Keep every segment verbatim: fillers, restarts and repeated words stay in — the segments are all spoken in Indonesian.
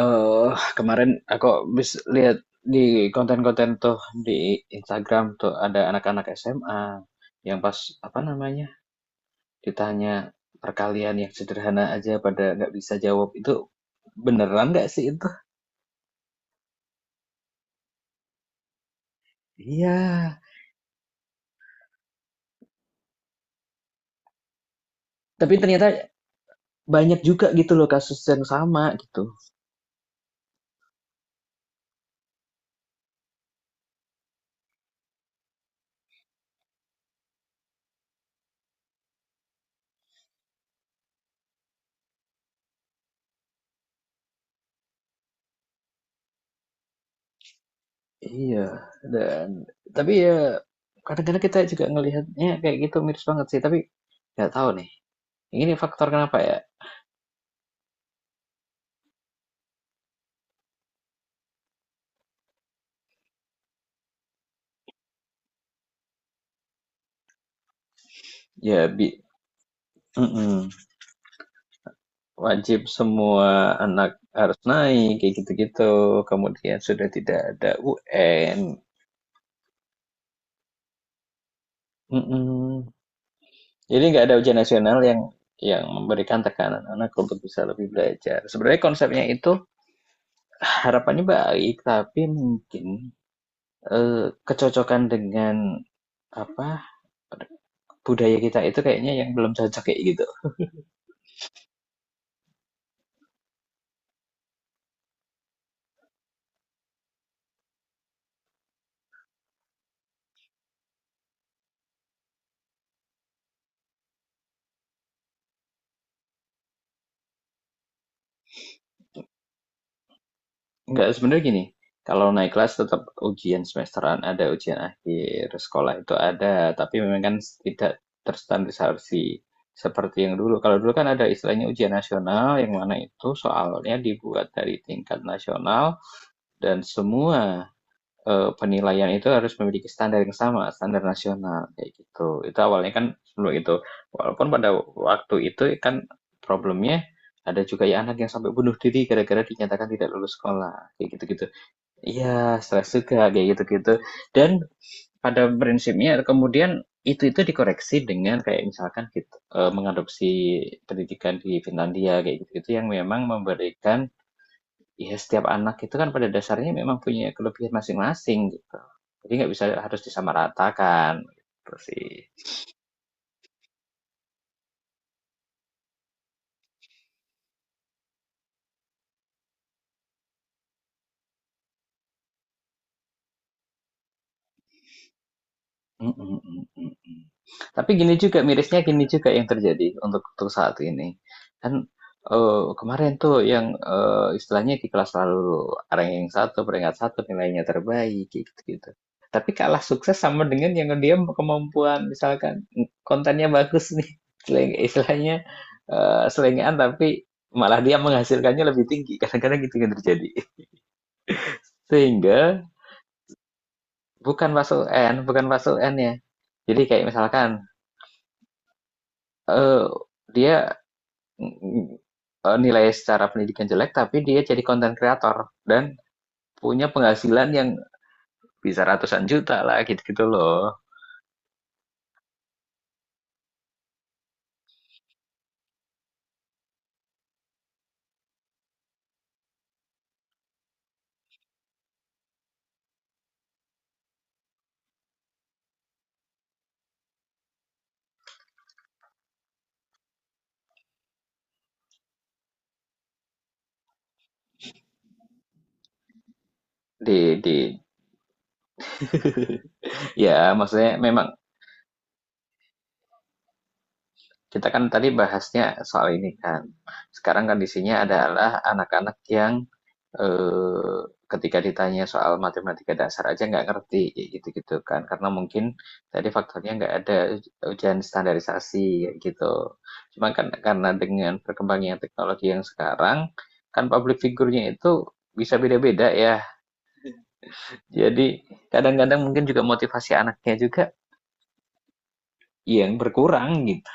Eee, Kemarin aku habis lihat di konten-konten tuh di Instagram tuh ada anak-anak S M A yang pas, apa namanya, ditanya perkalian yang sederhana aja pada nggak bisa jawab. Itu beneran nggak sih itu? Iya, tapi ternyata banyak juga gitu loh kasus yang sama gitu. Iya, dan tapi ya kadang-kadang kita juga ngelihatnya kayak gitu miris banget sih, tapi nggak tahu nih, ini faktor kenapa ya? Ya bi mhm. Wajib semua anak harus naik kayak gitu-gitu. Kemudian sudah tidak ada U N. Mm-mm. Jadi nggak ada ujian nasional yang yang memberikan tekanan anak untuk bisa lebih belajar. Sebenarnya konsepnya itu harapannya baik, tapi mungkin eh, kecocokan dengan apa budaya kita itu kayaknya yang belum cocok kayak gitu. Enggak, sebenarnya gini, kalau naik kelas tetap ujian semesteran ada, ujian akhir sekolah itu ada, tapi memang kan tidak terstandarisasi seperti yang dulu. Kalau dulu kan ada istilahnya ujian nasional, yang mana itu soalnya dibuat dari tingkat nasional dan semua eh, penilaian itu harus memiliki standar yang sama, standar nasional kayak gitu. Itu awalnya kan sebelum itu, walaupun pada waktu itu kan problemnya ada juga ya anak yang sampai bunuh diri gara-gara dinyatakan tidak lulus sekolah kayak gitu-gitu. Iya, stres juga kayak gitu-gitu. Dan pada prinsipnya kemudian itu-itu dikoreksi dengan kayak misalkan kita eh, mengadopsi pendidikan di Finlandia kayak gitu-gitu yang memang memberikan ya setiap anak itu kan pada dasarnya memang punya kelebihan masing-masing gitu. Jadi nggak bisa harus disamaratakan gitu sih. Mhm mhm mhm. Tapi gini juga mirisnya gini juga yang terjadi untuk untuk saat ini. Kan, eee, kemarin tuh yang, eee, istilahnya kiklah selalu ranking satu peringkat satu nilainya terbaik, gitu-gitu. Tapi kalah sukses sama dengan yang dia kemampuan misalkan, mmm, kontennya bagus nih, seleng istilahnya, eee, selengean tapi malah dia menghasilkannya lebih tinggi, kadang-kadang gitu yang terjadi. Sehingga bukan masuk N bukan masuk N ya. Jadi kayak misalkan Eee, dia, eee, nilai secara pendidikan jelek, tapi dia jadi konten kreator dan punya penghasilan yang bisa ratusan juta lah, gitu-gitu loh. Di di ya maksudnya memang kita kan tadi bahasnya soal ini kan. Sekarang kondisinya adalah anak-anak yang, eee, ketika ditanya soal matematika dasar aja nggak ngerti, gitu-gitu kan. Karena mungkin tadi faktornya nggak ada ujian standarisasi, gitu. Cuma kan karena dengan perkembangan teknologi yang sekarang, kan public figure-nya itu bisa beda-beda ya. Jadi kadang-kadang mungkin juga motivasi anaknya juga yang berkurang gitu.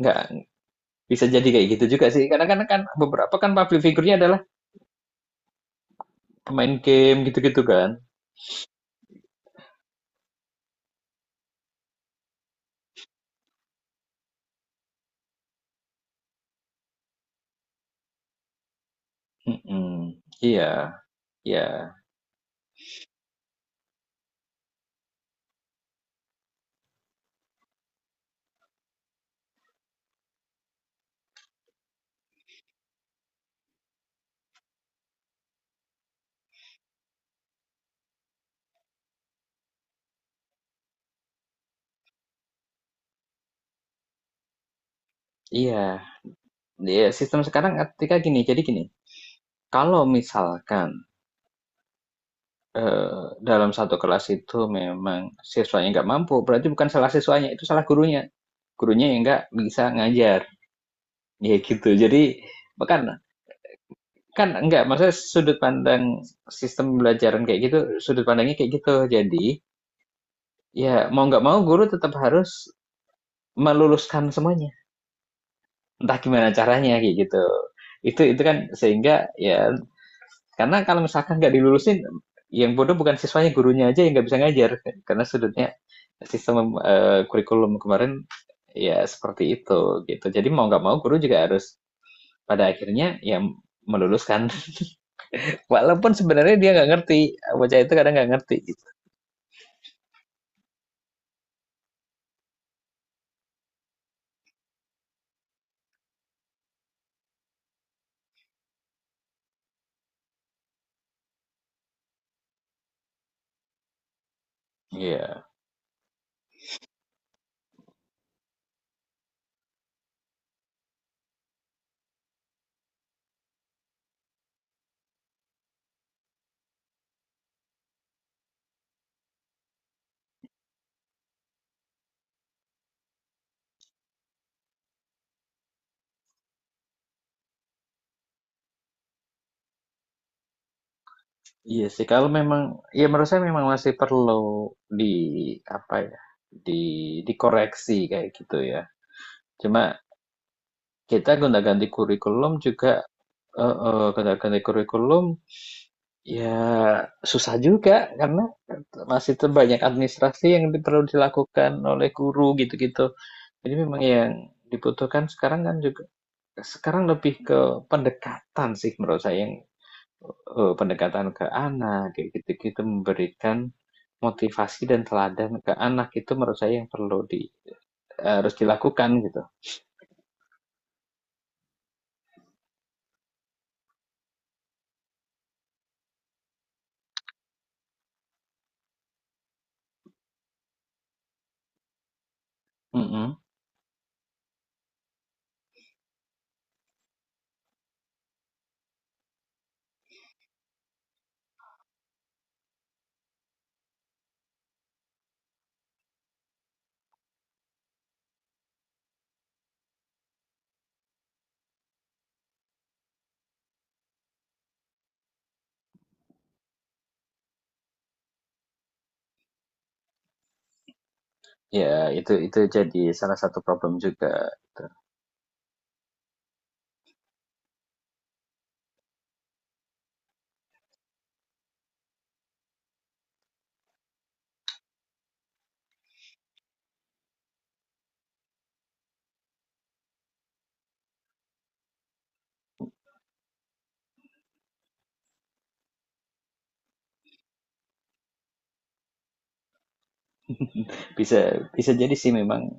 Nggak. Bisa jadi kayak gitu juga sih. Karena kan kan beberapa kan public figure-nya adalah pemain game gitu-gitu kan. Mm-mm. Iya, iya, iya. Iya, sistem sekarang ketika gini, jadi gini. Kalau misalkan eh, dalam satu kelas itu memang siswanya nggak mampu, berarti bukan salah siswanya, itu salah gurunya. Gurunya yang nggak bisa ngajar. Ya gitu. Jadi, bukan kan enggak, maksudnya sudut pandang sistem pembelajaran kayak gitu, sudut pandangnya kayak gitu. Jadi, ya mau nggak mau guru tetap harus meluluskan semuanya. Entah gimana caranya kayak gitu. Itu itu kan sehingga ya karena kalau misalkan nggak dilulusin yang bodoh bukan siswanya gurunya aja yang nggak bisa ngajar karena sudutnya sistem eh, kurikulum kemarin ya seperti itu gitu. Jadi mau nggak mau guru juga harus pada akhirnya ya meluluskan walaupun sebenarnya dia nggak ngerti bocah itu kadang nggak ngerti gitu. Iya. Iya sih, kalau memang, ya menurut saya memang masih perlu di apa ya, di dikoreksi kayak gitu ya. Cuma kita gonta-ganti kurikulum juga, eh, eh, gonta-ganti kurikulum ya susah juga karena masih terbanyak administrasi yang di- perlu dilakukan oleh guru gitu-gitu. Jadi memang yang dibutuhkan sekarang kan juga sekarang lebih ke pendekatan sih menurut saya yang eee, pendekatan ke anak, kayak gitu-gitu, memberikan motivasi dan teladan ke anak itu menurut saya yang perlu di harus dilakukan gitu. Mhm. Ya itu itu jadi salah satu problem juga gitu. Bisa bisa jadi sih memang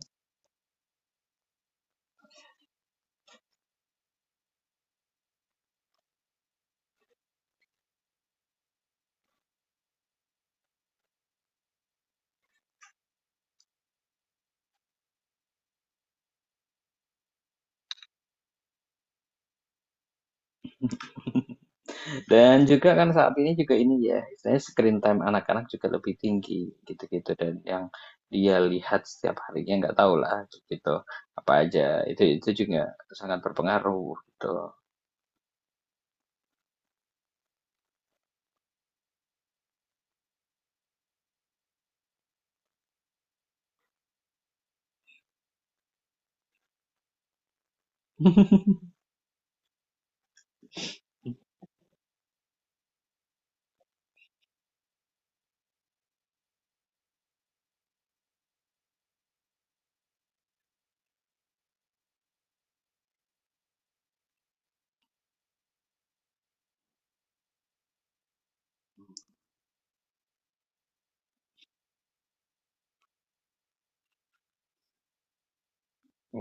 dan juga kan saat ini juga ini ya, istilahnya screen time anak-anak juga lebih tinggi gitu-gitu dan yang dia lihat setiap harinya nggak tahu lah gitu, apa aja. Itu itu juga sangat berpengaruh gitu.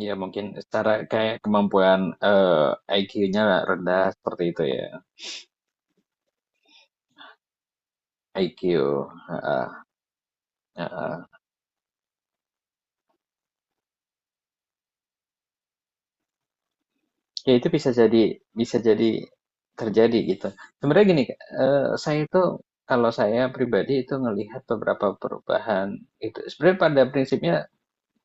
Iya mungkin secara kayak kemampuan eh, I Q-nya rendah seperti itu ya. I Q. Heeh, heeh. Ya itu bisa jadi bisa jadi terjadi gitu. Sebenarnya gini, Kak, eh, saya itu kalau saya pribadi itu ngelihat beberapa perubahan itu sebenarnya pada prinsipnya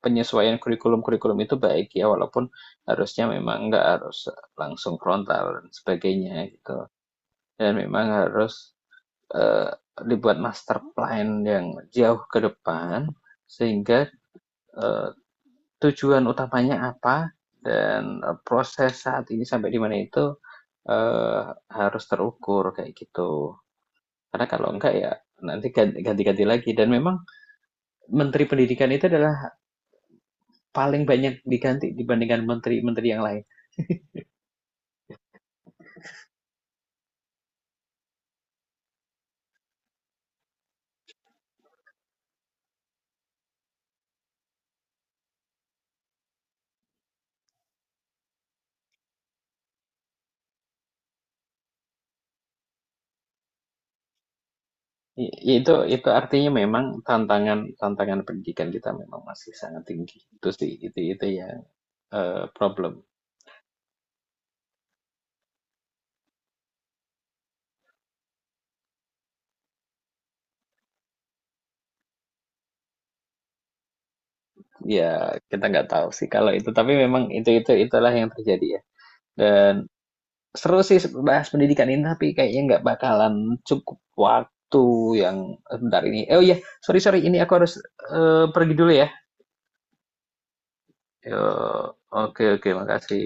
penyesuaian kurikulum-kurikulum itu baik ya walaupun harusnya memang nggak harus langsung frontal dan sebagainya gitu. Dan memang harus eee, dibuat master plan yang jauh ke depan, sehingga, eee, tujuan utamanya apa, dan, eee, proses saat ini sampai di mana itu, eee, harus terukur, kayak gitu. Karena kalau enggak ya nanti ganti-ganti lagi dan memang menteri pendidikan itu adalah paling banyak diganti dibandingkan menteri-menteri yang lain. itu itu artinya memang tantangan tantangan pendidikan kita memang masih sangat tinggi. Itu sih, itu itu yang, eee, problem. Ya kita nggak tahu sih kalau itu tapi memang itu itu itulah yang terjadi ya. Dan seru sih bahas pendidikan ini tapi kayaknya nggak bakalan cukup waktu yang eh, bentar ini oh iya sorry sorry ini aku harus eh, pergi dulu ya. Yo, oke oke makasih.